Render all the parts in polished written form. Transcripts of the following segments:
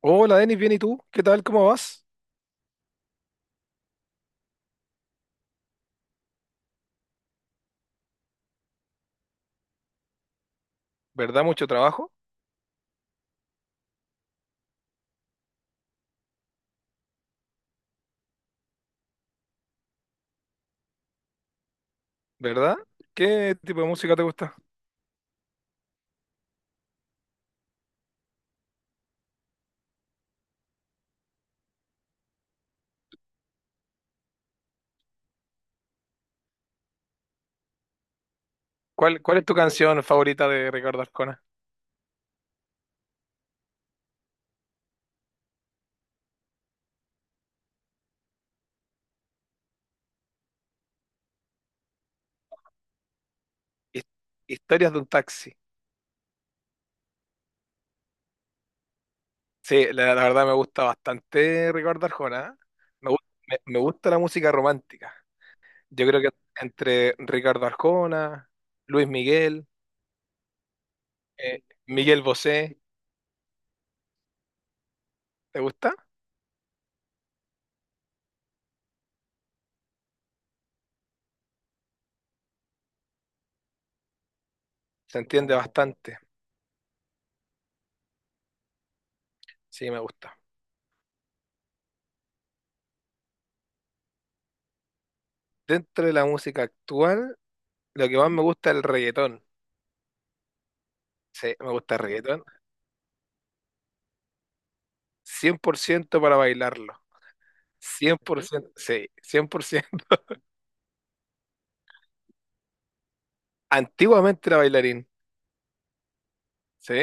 Hola Denis, bien, ¿y tú? ¿Qué tal? ¿Cómo vas? ¿Verdad? Mucho trabajo, ¿verdad? ¿Qué tipo de música te gusta? ¿Cuál es tu canción favorita de Ricardo Arjona? His- Historias de un taxi. Sí, la verdad me gusta bastante Ricardo Arjona, ¿eh? Me, gu- me gusta la música romántica. Yo creo que entre Ricardo Arjona, Luis Miguel, Miguel Bosé, ¿te gusta? Se entiende bastante. Sí, me gusta. Dentro de la música actual, lo que más me gusta es el reggaetón. Sí, me gusta el reggaetón. 100% para bailarlo. 100%, sí, 100%. Antiguamente era bailarín, ¿sí?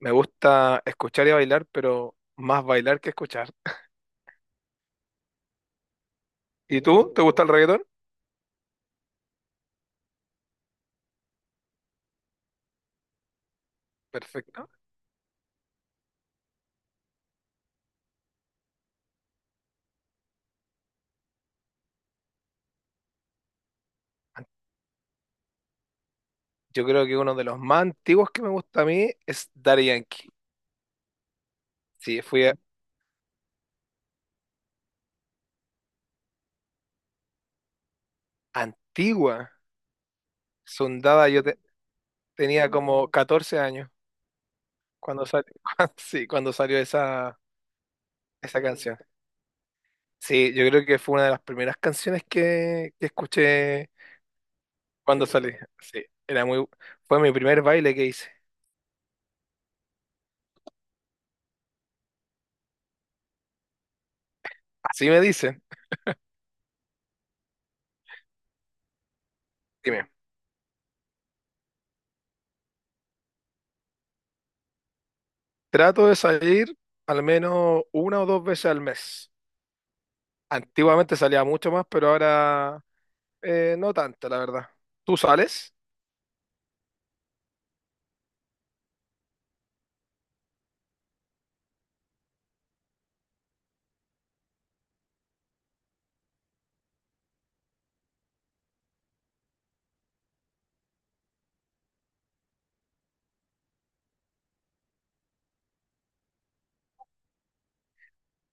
Me gusta escuchar y bailar, pero más bailar que escuchar. ¿Y tú? ¿Te gusta el reggaetón? Perfecto. Yo creo que uno de los más antiguos que me gusta a mí es Daddy Yankee. Sí, antigua, sondada. Tenía como 14 años cuando salió, sí, cuando salió esa canción. Sí, yo creo que fue una de las primeras canciones que escuché. Cuando salí, sí, fue mi primer baile que hice. Así me dicen. Dime, trato de salir al menos una o dos veces al mes. Antiguamente salía mucho más, pero ahora no tanto, la verdad. ¿Tú sales?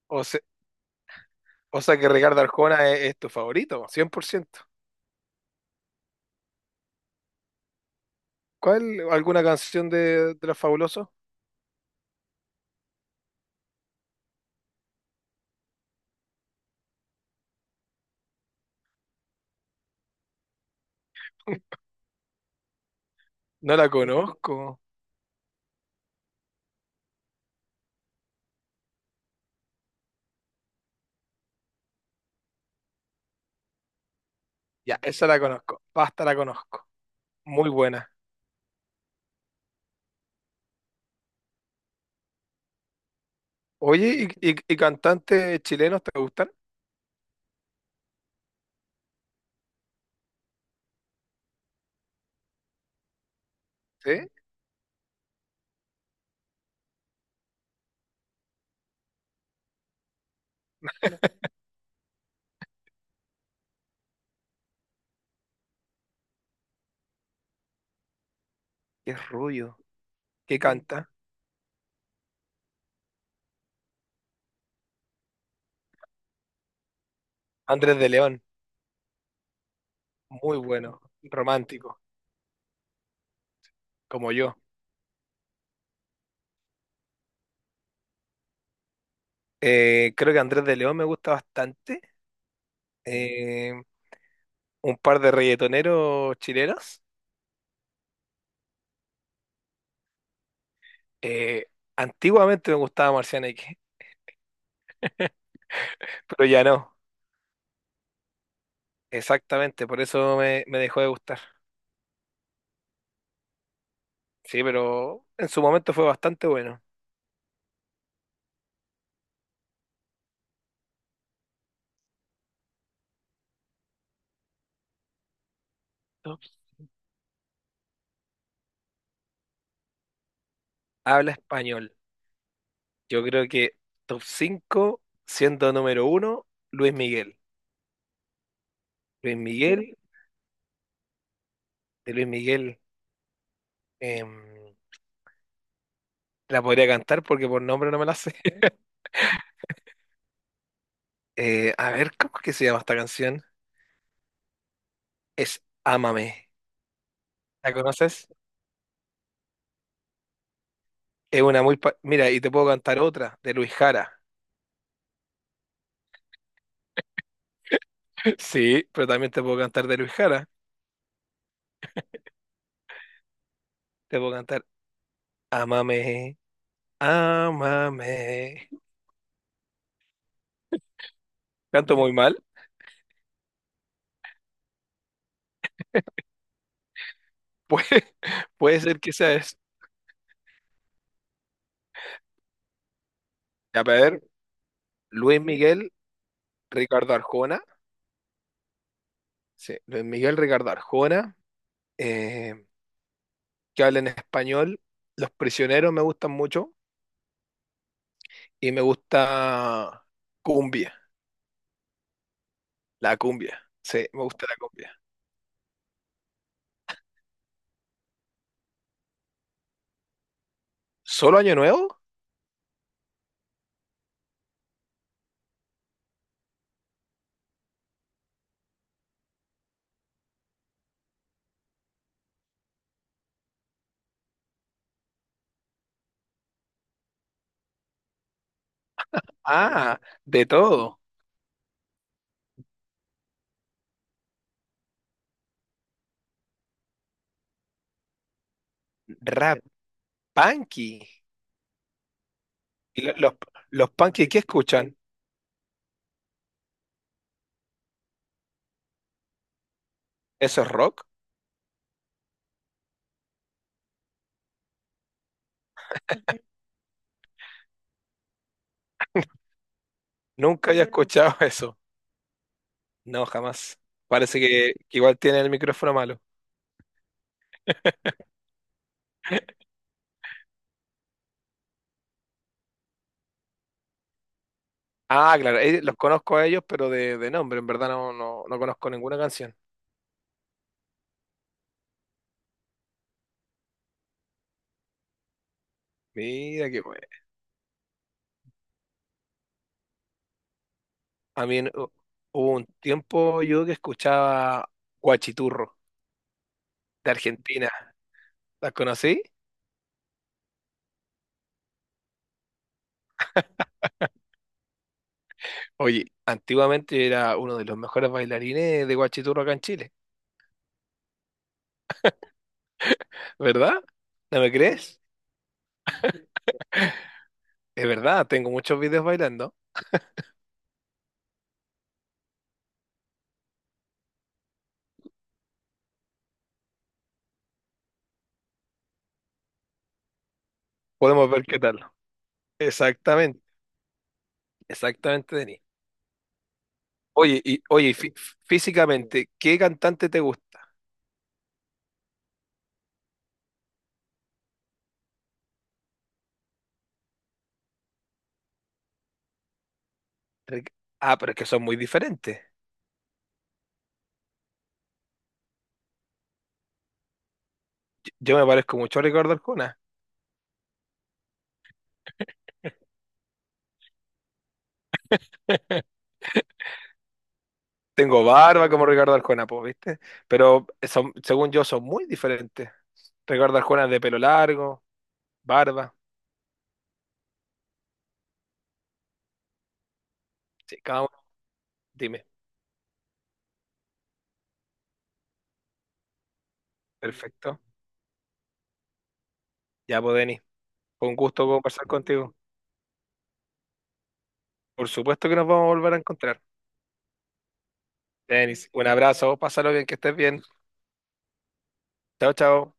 O, se- o sea que Ricardo Arjona es tu favorito, 100%. ¿Cuál? ¿Alguna canción de Los Fabulosos? No la conozco. Ya, esa la conozco. Basta, la conozco. Muy buena. Oye, ¿y cantantes chilenos te gustan? ¿Sí? Qué rubio. Que canta. Andrés de León, muy bueno, romántico, como yo. Creo que Andrés de León me gusta bastante. Eh, un par de reggaetoneros chilenos. Eh, Antiguamente me gustaba Marciana X, pero ya no. Exactamente, por eso me dejó de gustar. Sí, pero en su momento fue bastante bueno. Top. Habla español. Yo creo que top 5, siendo número uno, Luis Miguel. Luis Miguel, de Luis Miguel. em, La podría cantar porque por nombre no me la sé. A ver, ¿cómo es que se llama esta canción? Es Ámame. ¿La conoces? Es una muy... Mira, y te puedo cantar otra, de Luis Jara. Sí, pero también te puedo cantar de Luis Jara. Te puedo cantar Ámame, ámame. Canto muy mal. Puede, puede ser que sea eso. Ya, pero a ver, Luis Miguel, Ricardo Arjona. Sí, Luis Miguel, Ricardo Arjona. eh, que habla en español. Los prisioneros me gustan mucho. Y me gusta cumbia, la cumbia. Sí, me gusta la cumbia. ¿Solo Año Nuevo? Ah, de todo. Rap, punky. ¿Y los punky qué escuchan? ¿Eso es rock? Nunca había escuchado eso. No, jamás. Parece que igual tienen el micrófono malo. Ah, claro, los conozco a ellos, pero de nombre, en verdad no conozco ninguna canción. Mira qué bueno. A mí en- hu- Hubo un tiempo yo que escuchaba Guachiturro de Argentina. ¿Las conocí? Oye, antiguamente era uno de los mejores bailarines de Guachiturro acá en Chile, ¿verdad? ¿No me crees? Es verdad, tengo muchos videos bailando. Podemos ver qué tal. Exactamente, exactamente, Denis. Oye, físicamente, ¿qué cantante te gusta? Ric- Ah, pero es que son muy diferentes. Yo me parezco mucho a Ricardo Arjona. Tengo barba como Ricardo Arjona, pues, ¿viste? Pero son, según yo, son muy diferentes. Ricardo Arjona es de pelo largo, barba. Sí, cada uno. Dime. Perfecto. Ya, pues, Denis. Fue un gusto conversar contigo. Por supuesto que nos vamos a volver a encontrar. Denis, un abrazo, pásalo bien, que estés bien. Chao, chao.